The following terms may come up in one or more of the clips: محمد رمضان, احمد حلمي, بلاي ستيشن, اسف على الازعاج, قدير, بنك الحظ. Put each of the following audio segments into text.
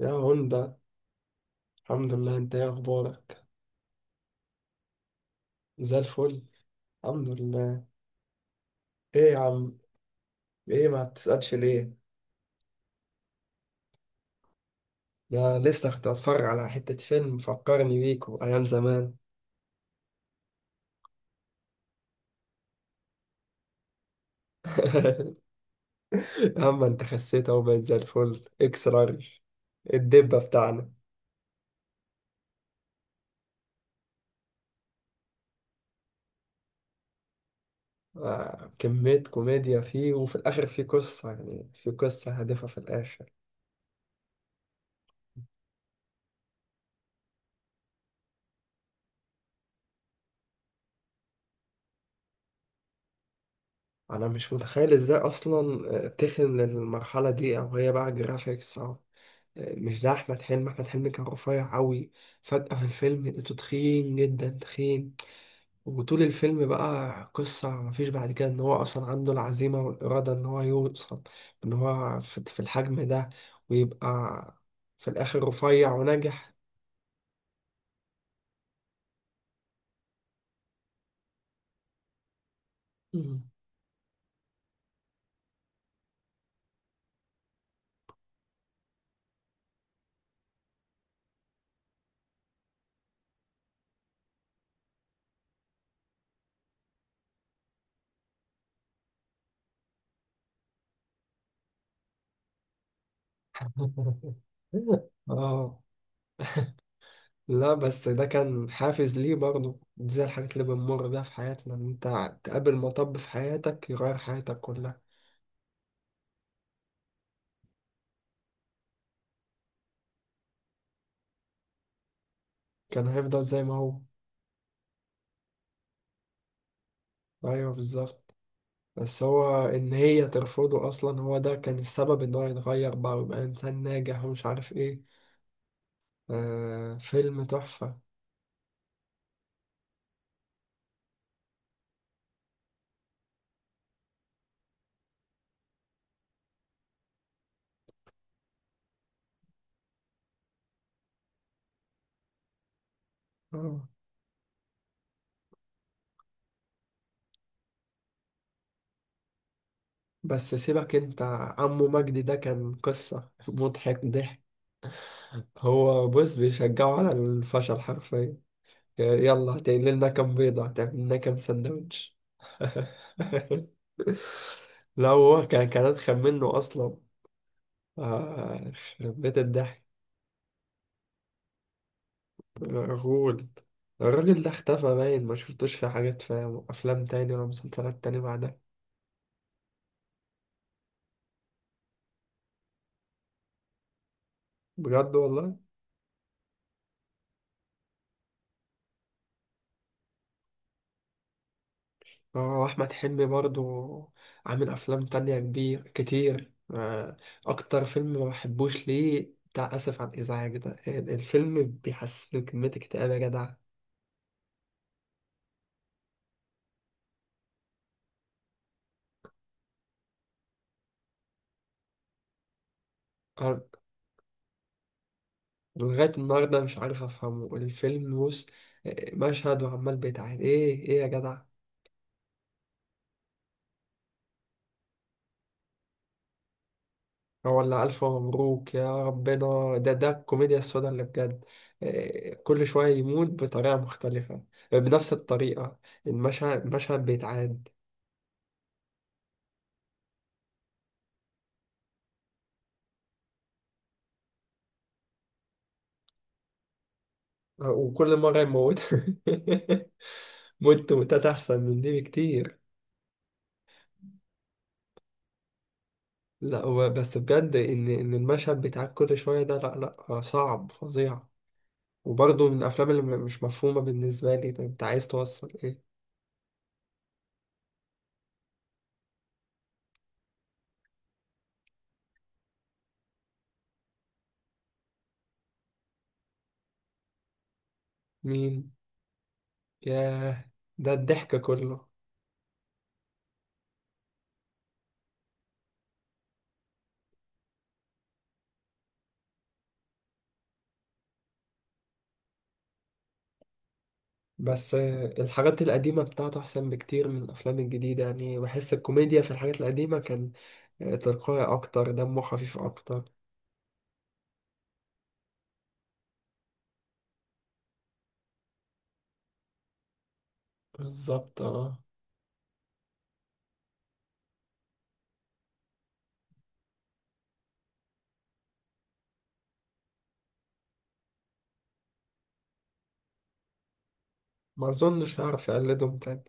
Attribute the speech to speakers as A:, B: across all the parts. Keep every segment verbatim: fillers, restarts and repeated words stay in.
A: يا هوندا. الحمد لله، انت ايه اخبارك؟ زي الفل. الحمد لله. ايه يا عم؟ ايه، ما تسألش ليه؟ ده لسه كنت بتفرج على حتة فيلم فكرني بيكو ايام زمان. يا عم انت خسيت اهو، بقيت زي الفل اكس لارج، الدبة بتاعنا. آه، كمية كوميديا فيه، وفي الآخر فيه قصة، يعني فيه قصة هادفة في الآخر. أنا مش متخيل إزاي أصلا آه، تخن للمرحلة دي، أو هي بقى جرافيكس أو مش ده. احمد حلمي، احمد حلمي كان رفيع قوي. فجأة في الفيلم لقيته تخين جدا، تخين. وطول الفيلم بقى قصة، مفيش بعد كده ان هو اصلا عنده العزيمة والإرادة ان هو يوصل، ان هو في في الحجم ده، ويبقى في الاخر رفيع وناجح. مم. اه. لا، بس ده كان حافز ليه برضه، دي زي الحاجات اللي بنمر بيها في حياتنا، ان انت تقابل مطب في حياتك يغير حياتك كلها. كان هيفضل زي ما هو. ايوه بالظبط. بس هو ان هي ترفضه اصلا، هو ده كان السبب ان هو يتغير بقى ويبقى انسان ناجح ومش عارف ايه. آه، فيلم تحفة. آه. بس سيبك انت، عمو مجدي ده كان قصة. مضحك ضحك. هو بص بيشجعه على الفشل حرفيا. يلا، هتقللنا لنا كام بيضة؟ هتعمل لنا كام سندوتش؟ لو هو كان كان اتخن منه اصلا. آه، يخرب بيت الضحك. الراجل، الراجل ده اختفى، باين ما شفتوش في حاجات، في افلام تاني ولا مسلسلات تاني بعدها. بجد والله. اه، احمد حلمي برضو عامل افلام تانية كبير كتير. آه، اكتر فيلم ما بحبوش ليه بتاع اسف على الازعاج ده، الفيلم بيحسسني بكمية اكتئاب يا جدع. أنا لغاية النهاردة مش عارف افهمه الفيلم، بص آه، مشهد وعمال بيتعاد، ايه ايه يا جدع؟ ولا ألف مبروك يا ربنا، ده، ده الكوميديا السوداء اللي بجد. إيه، كل شوية يموت بطريقة مختلفة، آه، بنفس الطريقة، المشهد، المشهد بيتعاد. آه، وكل مرة يموت. موت موتات أحسن من دي بكتير. لا، هو بس بجد إن إن المشهد بيتعاد كل شوية ده، لا لا، آه، صعب فظيع. وبرضه من الأفلام اللي م- مش مفهومة بالنسبة لي، ده أنت عايز توصل إيه؟ مين؟ ياه. ده الضحك كله. بس آه، الحاجات القديمة بتاعته أحسن بكتير من الأفلام الجديدة، يعني بحس الكوميديا في الحاجات القديمة كان آه، تلقائي أكتر، دمه خفيف أكتر. بالظبط اه. ما أظنش هعرف أقلدهم تاني.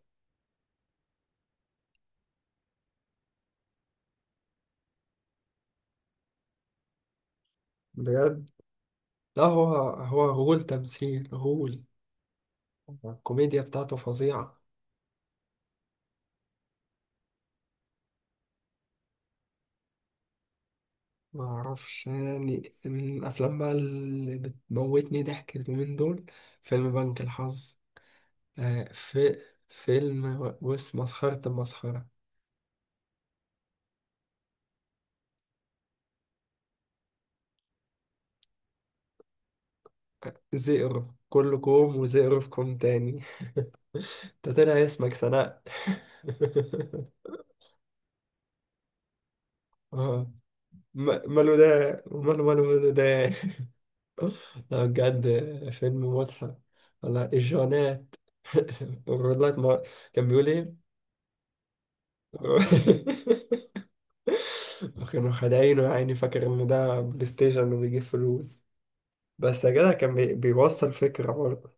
A: بجد. لا، هو هو هول تمثيل، هول. الكوميديا بتاعته فظيعة. ما أعرفش، يعني من الأفلام بقى اللي بتموتني ضحك اليومين دول فيلم بنك الحظ. آه، في فيلم، وش مسخرة المسخرة. زئر كلكم وزئرفكم تاني. ده طلع اسمك سناء. اه. م- ماله ده؟ ماله ماله ماله ده. لا بجد، فيلم مضحك. ولا الجونات. الرولات، ما كان بيقول ايه. كانوا خدعينه يعني، فاكر ان ده بلاي ستيشن وبيجيب فلوس. بس يا جدع كان بي- بيوصل فكرة برضه.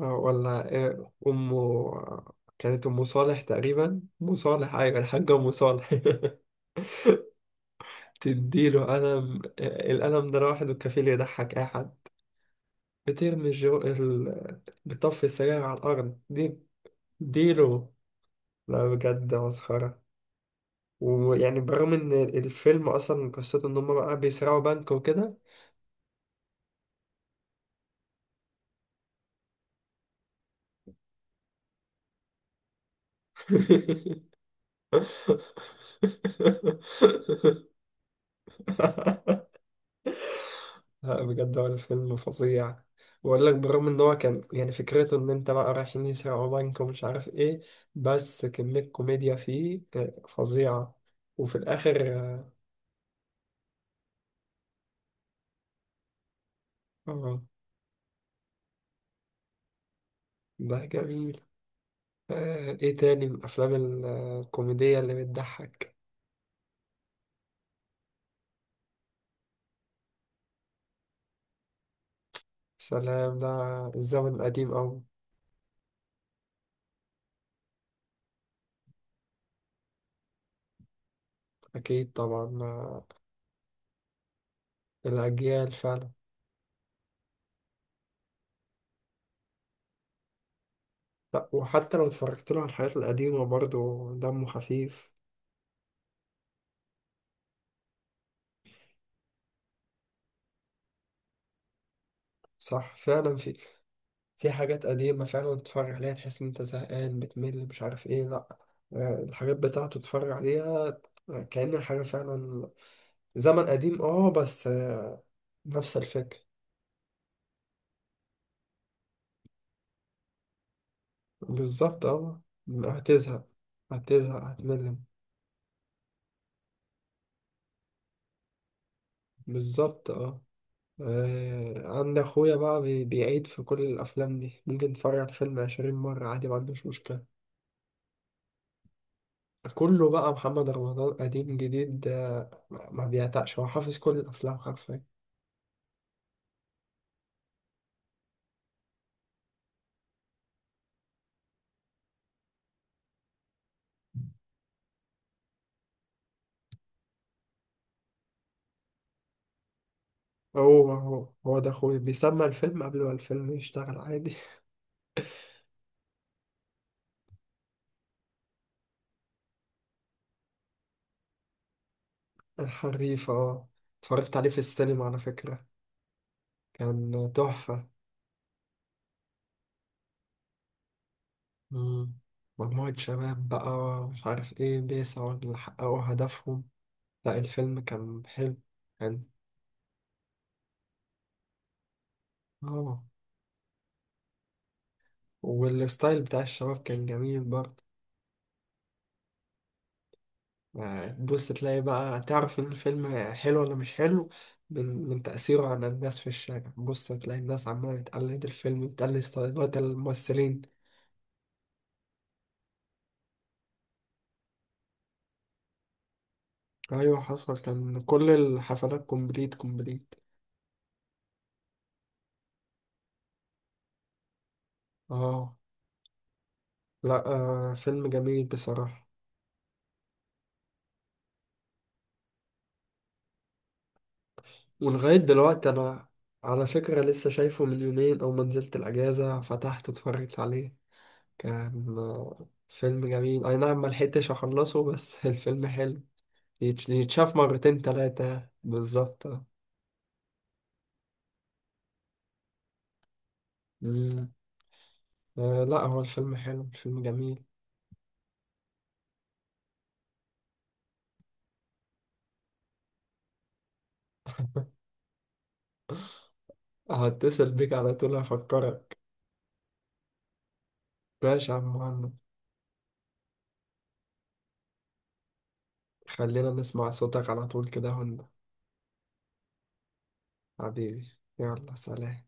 A: آه، ولا إيه أمه؟ كانت أم صالح تقريبا، أم صالح، أيوة، الحاجة أم صالح. تديله قلم، آه، القلم ده لوحده كفيل يضحك أي حد. بترمي الجو ال... بتطفي السجاير على الأرض دي، اديله. لا بجد، مسخرة. ويعني برغم إن الفيلم أصلا قصته إن هما بقى بيسرقوا بنك وكده. لا بجد، هو الفيلم فظيع. بقول لك، بالرغم ان هو كان يعني فكرته ان انت بقى رايحين يسرقوا بنك ومش عارف ايه، بس كمية كوميديا فيه آه، فظيعة. وفي الاخر، اه، آه، ده جميل. آه، ايه تاني من الافلام ال- آه، الكوميدية اللي بتضحك؟ سلام، ده الزمن القديم اوي. اكيد طبعا، آه، الاجيال فعلا. لا، وحتى لو اتفرجت له على الحاجات القديمة برضه دمه خفيف. صح فعلا، في، في حاجات قديمة فعلا تتفرج عليها تحس إن أنت زهقان، بتمل مش عارف إيه. لأ، آه، الحاجات بتاعته تتفرج عليها كأن الحاجة فعلا زمن قديم. أه، بس آه، نفس الفكرة. بالظبط أه. هتزهق. هتزهق، هتمل. بالظبط أه. آه، عند أخويا بقى بي- بيعيد في كل الأفلام دي، ممكن تتفرج على الفيلم عشرين مرة عادي، ما عندوش مشكلة. كله بقى محمد رمضان، قديم جديد، آه، ما ما بيعتقش، هو حافظ كل الأفلام حرفيا. هو هو هو ده اخويا، بيسمع الفيلم قبل ما الفيلم يشتغل عادي. الحريف، اه. اتفرجت عليه في السينما على فكرة، كان تحفة. مم. مجموعة شباب بقى، مش عارف ايه، بيسعوا لحققوا هدفهم. لا، الفيلم كان حلو، كان اه. والستايل بتاع الشباب كان جميل برضه. يعني تبص تلاقي بقى، تعرف ان الفيلم حلو ولا مش حلو من من تأثيره على الناس في الشارع. بص تلاقي الناس عمالة تقلد الفيلم، تقلد ستايلات الممثلين. ايوه حصل، كان كل الحفلات كومبليت كومبليت. اه، لا، آه فيلم جميل بصراحة. ولغاية دلوقتي انا، على فكرة، لسه شايفه من يومين، او ما نزلت الاجازة فتحت اتفرجت عليه. كان آه فيلم جميل، اي نعم ما لحقتش اخلصه بس. الفيلم حلو. يتش- يتشاف مرتين تلاتة بالظبط. آه. مم. آه، لا، هو الفيلم حلو، الفيلم جميل. هتصل بيك على طول، هفكرك. ماشي يا عم مهند. خلينا نسمع صوتك على طول كده. حبيبي، يلا سلام.